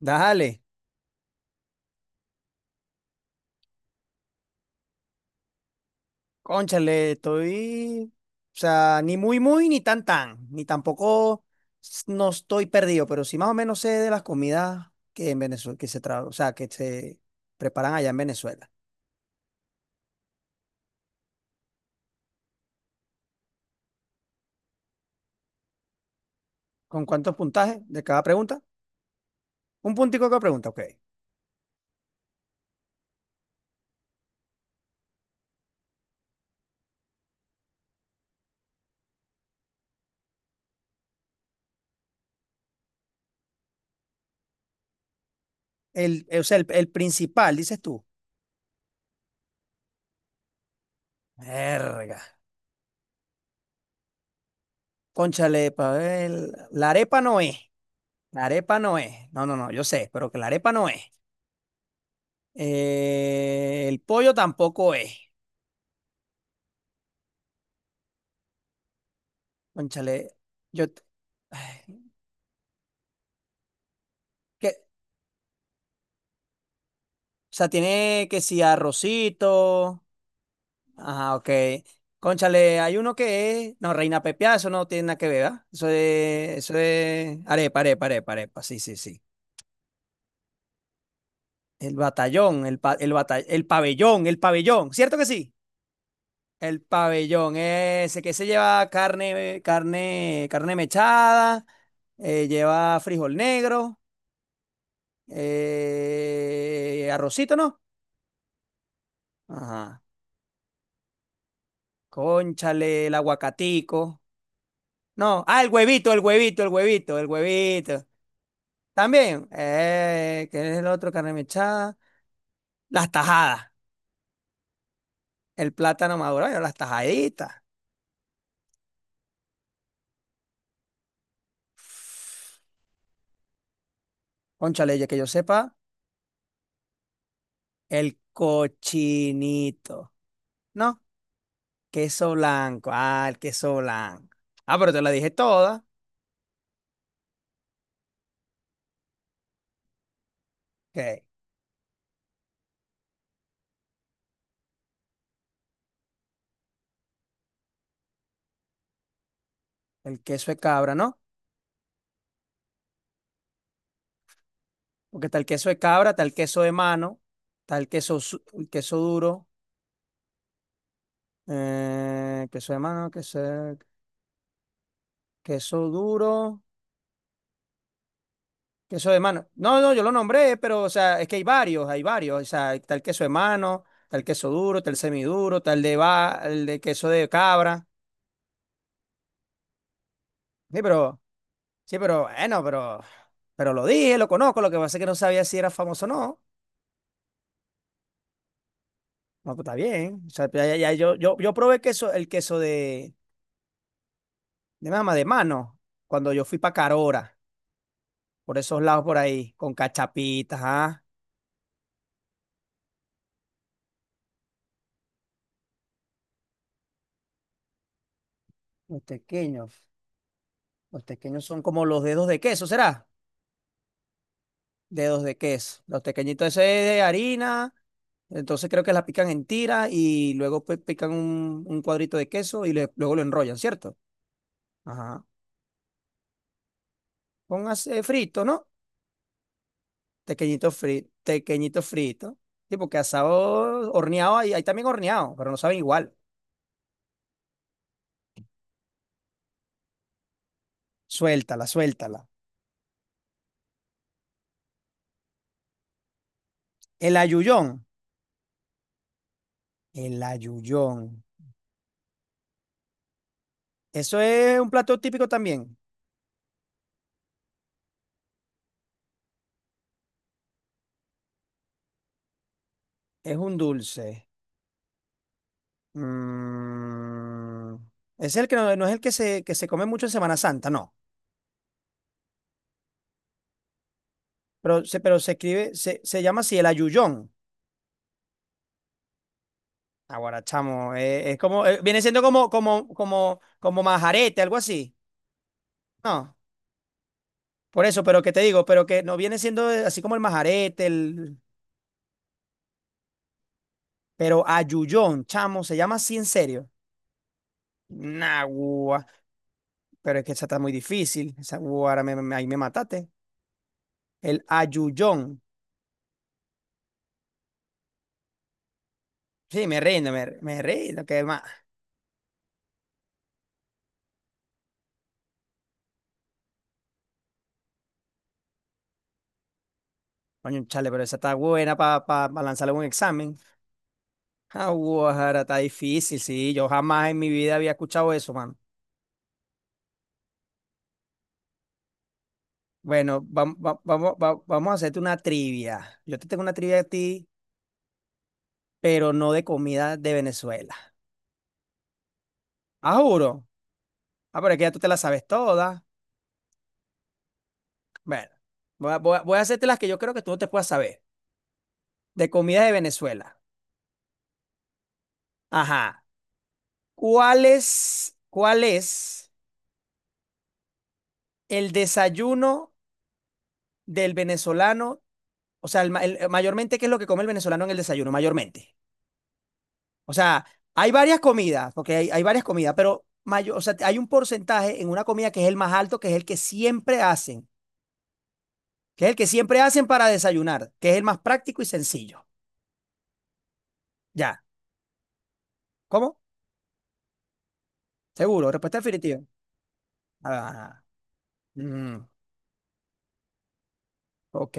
Dale, cónchale, estoy, o sea, ni muy, muy, ni tan, tan, ni tampoco no estoy perdido, pero sí más o menos sé de las comidas que en Venezuela, que se tra- o sea, que se preparan allá en Venezuela. ¿Con cuántos puntajes de cada pregunta? Un puntico de cada pregunta, ok. El, o sea, el principal, dices tú. Verga. Cónchale, pa' ver, la arepa no es, la arepa no es, no, no, no, yo sé, pero que la arepa no es. El pollo tampoco es. Cónchale, yo... t- ay, que, o tiene que si arrocito. Ajá, ok. Cónchale, hay uno que es... No, reina pepiada, eso no tiene nada que ver, ¿ah? Eso es... Arepa, arepa, arepa, arepa. Sí, sí, sí. El batallón, el, pa- el, bata- el pabellón, El pabellón. ¿Cierto que sí? El pabellón, ese que se lleva carne mechada, lleva frijol negro, arrocito, ¿no? Ajá. Cónchale, el aguacatico. No, ah, el huevito. También, ¿qué es el otro carne mechada? Las tajadas, el plátano maduro, bueno, las tajaditas. Cónchale, ya que yo sepa, el cochinito. No, queso blanco, ah, el queso blanco. Ah, pero te la dije toda. Ok, el queso de cabra, ¿no? Porque está el queso de cabra, está el queso de mano, está el queso duro. Queso de mano, queso, queso duro, queso de mano. No, no, yo lo nombré, pero, o sea, es que hay varios. O sea, está el queso de mano, está el queso duro, está el semiduro, está el de va, el de queso de cabra. Sí, pero, sí, pero, bueno, pero, pero lo dije, lo conozco, lo que pasa es que no sabía si era famoso o no. No, pues está bien. O sea, yo probé queso, el queso de mamá de mano, cuando yo fui para Carora, por esos lados por ahí, con cachapitas, ah. Los pequeños, los pequeños son como los dedos de queso, ¿será? Dedos de queso. Los pequeñitos ese es de harina, entonces creo que la pican en tira y luego pues pican un cuadrito de queso luego lo enrollan, ¿cierto? Ajá. Póngase frito, ¿no? Pequeñito frito, pequeñito frito. Sí, porque asado horneado hay también horneado, pero no saben igual. Suéltala, suéltala. El ayuyón. El ayuyón. Eso es un plato típico también. Es un dulce. Mm, es el que no es el que que se come mucho en Semana Santa, no. Pero se escribe, se llama así el ayuyón. Ahora, chamo, es como, viene siendo como majarete, algo así. No, por eso, pero que te digo, pero que no viene siendo así como el majarete, el, pero ayuyón, chamo, se llama así en serio. Nah, guau, pero es que esa está muy difícil. Esa, guau, ahí me mataste. El ayuyón. Sí, me rindo, me rindo, qué más. Coño, chale, pero esa está buena para lanzarle un examen. Ah, Guajara, está difícil, sí. Yo jamás en mi vida había escuchado eso, mano. Bueno, vamos a hacerte una trivia. Yo te tengo una trivia a ti, pero no de comida de Venezuela. Ah, juro. Ah, pero es que ya tú te la sabes toda. Bueno, voy a hacerte las que yo creo que tú no te puedas saber. De comida de Venezuela. Ajá. ¿Cuál es el desayuno del venezolano? O sea, mayormente, ¿qué es lo que come el venezolano en el desayuno? Mayormente. O sea, hay varias comidas, porque hay varias comidas, pero o sea, hay un porcentaje en una comida que es el más alto, que es el que siempre hacen, que es el que siempre hacen para desayunar, que es el más práctico y sencillo. Ya. ¿Cómo? Seguro, respuesta definitiva. Ah, mm, ok.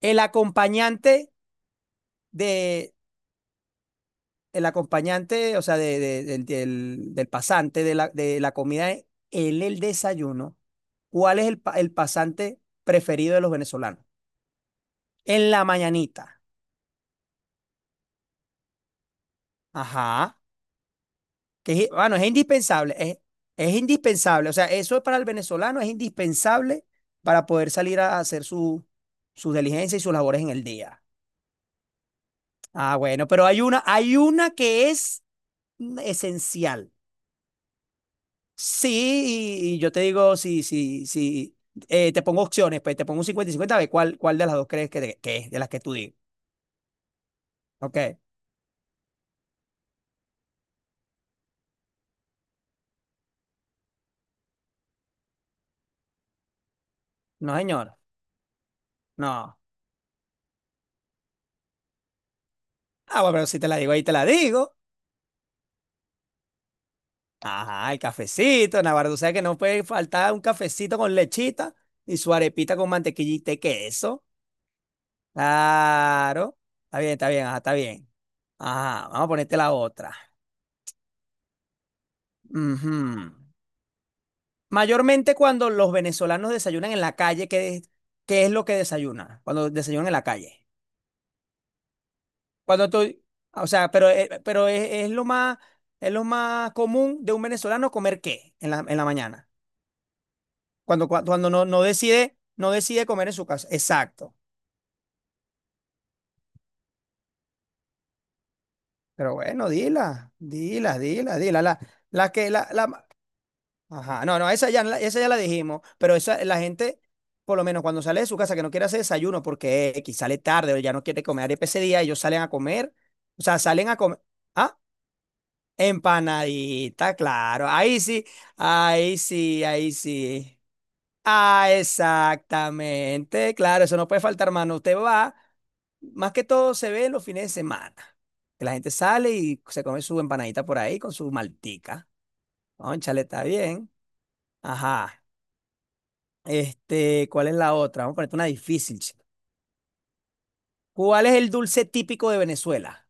El acompañante de, el acompañante, o sea, del pasante de la comida, es el desayuno. ¿Cuál es el pasante preferido de los venezolanos? En la mañanita. Ajá. Que, es- bueno, es indispensable, es indispensable. O sea, eso es para el venezolano, es indispensable para poder salir a hacer su, sus diligencias y sus labores en el día. Ah, bueno, pero hay una que es esencial. Sí, y yo te digo, si te pongo opciones, pues te pongo un 50/50 a ver cuál, cuál de las dos crees que, de- que es, de las que tú digas. Ok. No, señor. No. Ah, bueno, pero si te la digo ahí, te la digo. Ajá, el cafecito, Navarro. O sea que no puede faltar un cafecito con lechita y su arepita con mantequillita y queso. Claro. Está bien, está bien. Ajá, vamos a ponerte la otra. Ujú. Mayormente cuando los venezolanos desayunan en la calle, ¿qué es lo que desayunan? Cuando desayunan en la calle. Cuando tú, o sea, pero es lo más común de un venezolano comer qué en la mañana. Cuando, cuando no, no decide, no decide comer en su casa. Exacto. Pero bueno, dila. La, ajá, no, no, esa ya, esa ya la dijimos, pero esa, la gente, por lo menos cuando sale de su casa, que no quiere hacer desayuno porque X sale tarde o ya no quiere comer arepa ese día, ellos salen a comer, o sea, salen a comer, ah, empanadita, claro, ahí sí, ahí sí, ahí sí. Ah, exactamente, claro, eso no puede faltar, mano. Usted va, más que todo se ve en los fines de semana, que la gente sale y se come su empanadita por ahí con su maltica. Cónchale, está bien. Ajá. Este, ¿cuál es la otra? Vamos a ponerte una difícil, chico. ¿Cuál es el dulce típico de Venezuela?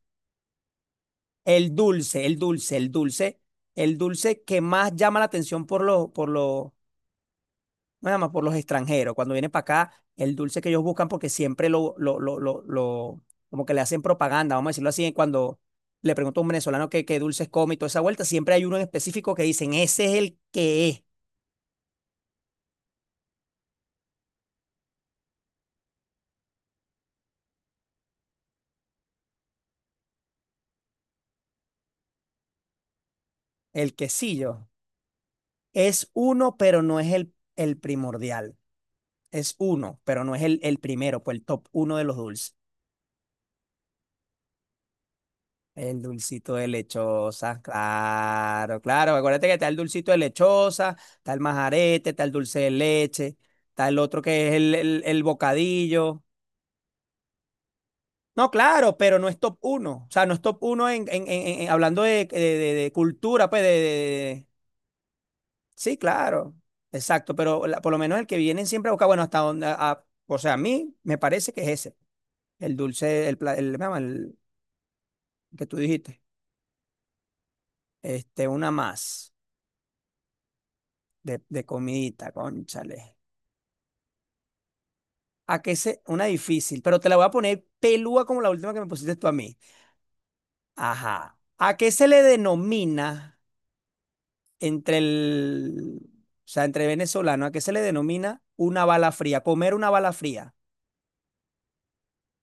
El dulce, el dulce, el dulce, el dulce que más llama la atención por los, nada más por los extranjeros. Cuando vienen para acá, el dulce que ellos buscan, porque siempre como que le hacen propaganda, vamos a decirlo así, cuando le pregunto a un venezolano qué, qué dulces come y toda esa vuelta, siempre hay uno en específico que dicen, ese es el que es, el quesillo. Es uno, pero no es el primordial. Es uno, pero no es el primero, pues el top uno de los dulces. El dulcito de lechosa, claro, claro. Acuérdate que está el dulcito de lechosa, está el majarete, está el dulce de leche, está el otro que es el bocadillo. No, claro, pero no es top uno. O sea, no es top uno hablando de, de cultura, pues de, Sí, claro, exacto, pero por lo menos el que vienen siempre a buscar, bueno, hasta donde... a- o sea, a mí me parece que es ese, el dulce, el, ¿cómo se llama? El que tú dijiste, este, una más. De comidita, cónchale. ¿A qué se...? Una difícil, pero te la voy a poner pelúa como la última que me pusiste tú a mí. Ajá. ¿A qué se le denomina entre el... O sea, entre venezolano, ¿a qué se le denomina una bala fría? Comer una bala fría.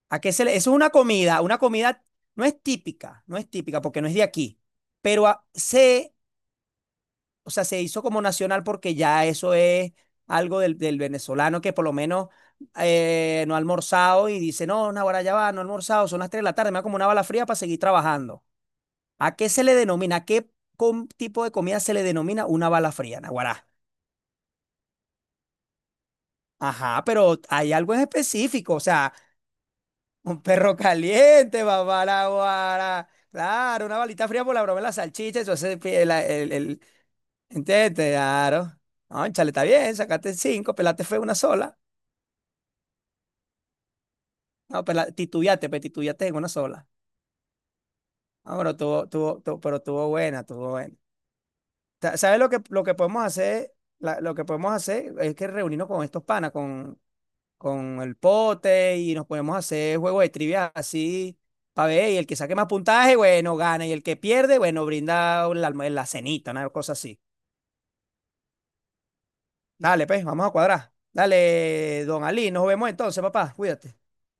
¿A qué se le...? Eso es una comida no es típica, no es típica porque no es de aquí, pero a- se o sea, se hizo como nacional porque ya eso es algo del, del venezolano que por lo menos no ha almorzado y dice, no, ahora ya va, no he almorzado, son las 3 de la tarde, me voy como una bala fría para seguir trabajando. ¿A qué se le denomina? ¿A qué tipo de comida se le denomina una bala fría, Naguará? Ajá, pero hay algo en específico, o sea, un perro caliente, papá, Naguará. Claro, una balita fría por la broma de la salchicha, eso hace el, el, el, el- ¿entiendes? Claro. Cónchale, está bien, sacaste cinco, pelaste fue una sola. No, pero la, titubeaste, pero titubeaste en una sola. No, pero pero tuvo buena, tuvo buena. ¿Sabes lo que podemos hacer? Lo que podemos hacer es que reunirnos con estos panas, con el pote, y nos podemos hacer juegos de trivia así, para ver, y el que saque más puntaje, bueno, gana, y el que pierde, bueno, brinda la, la cenita, una cosa así. Dale, pues, vamos a cuadrar. Dale, don Ali, nos vemos entonces, papá, cuídate.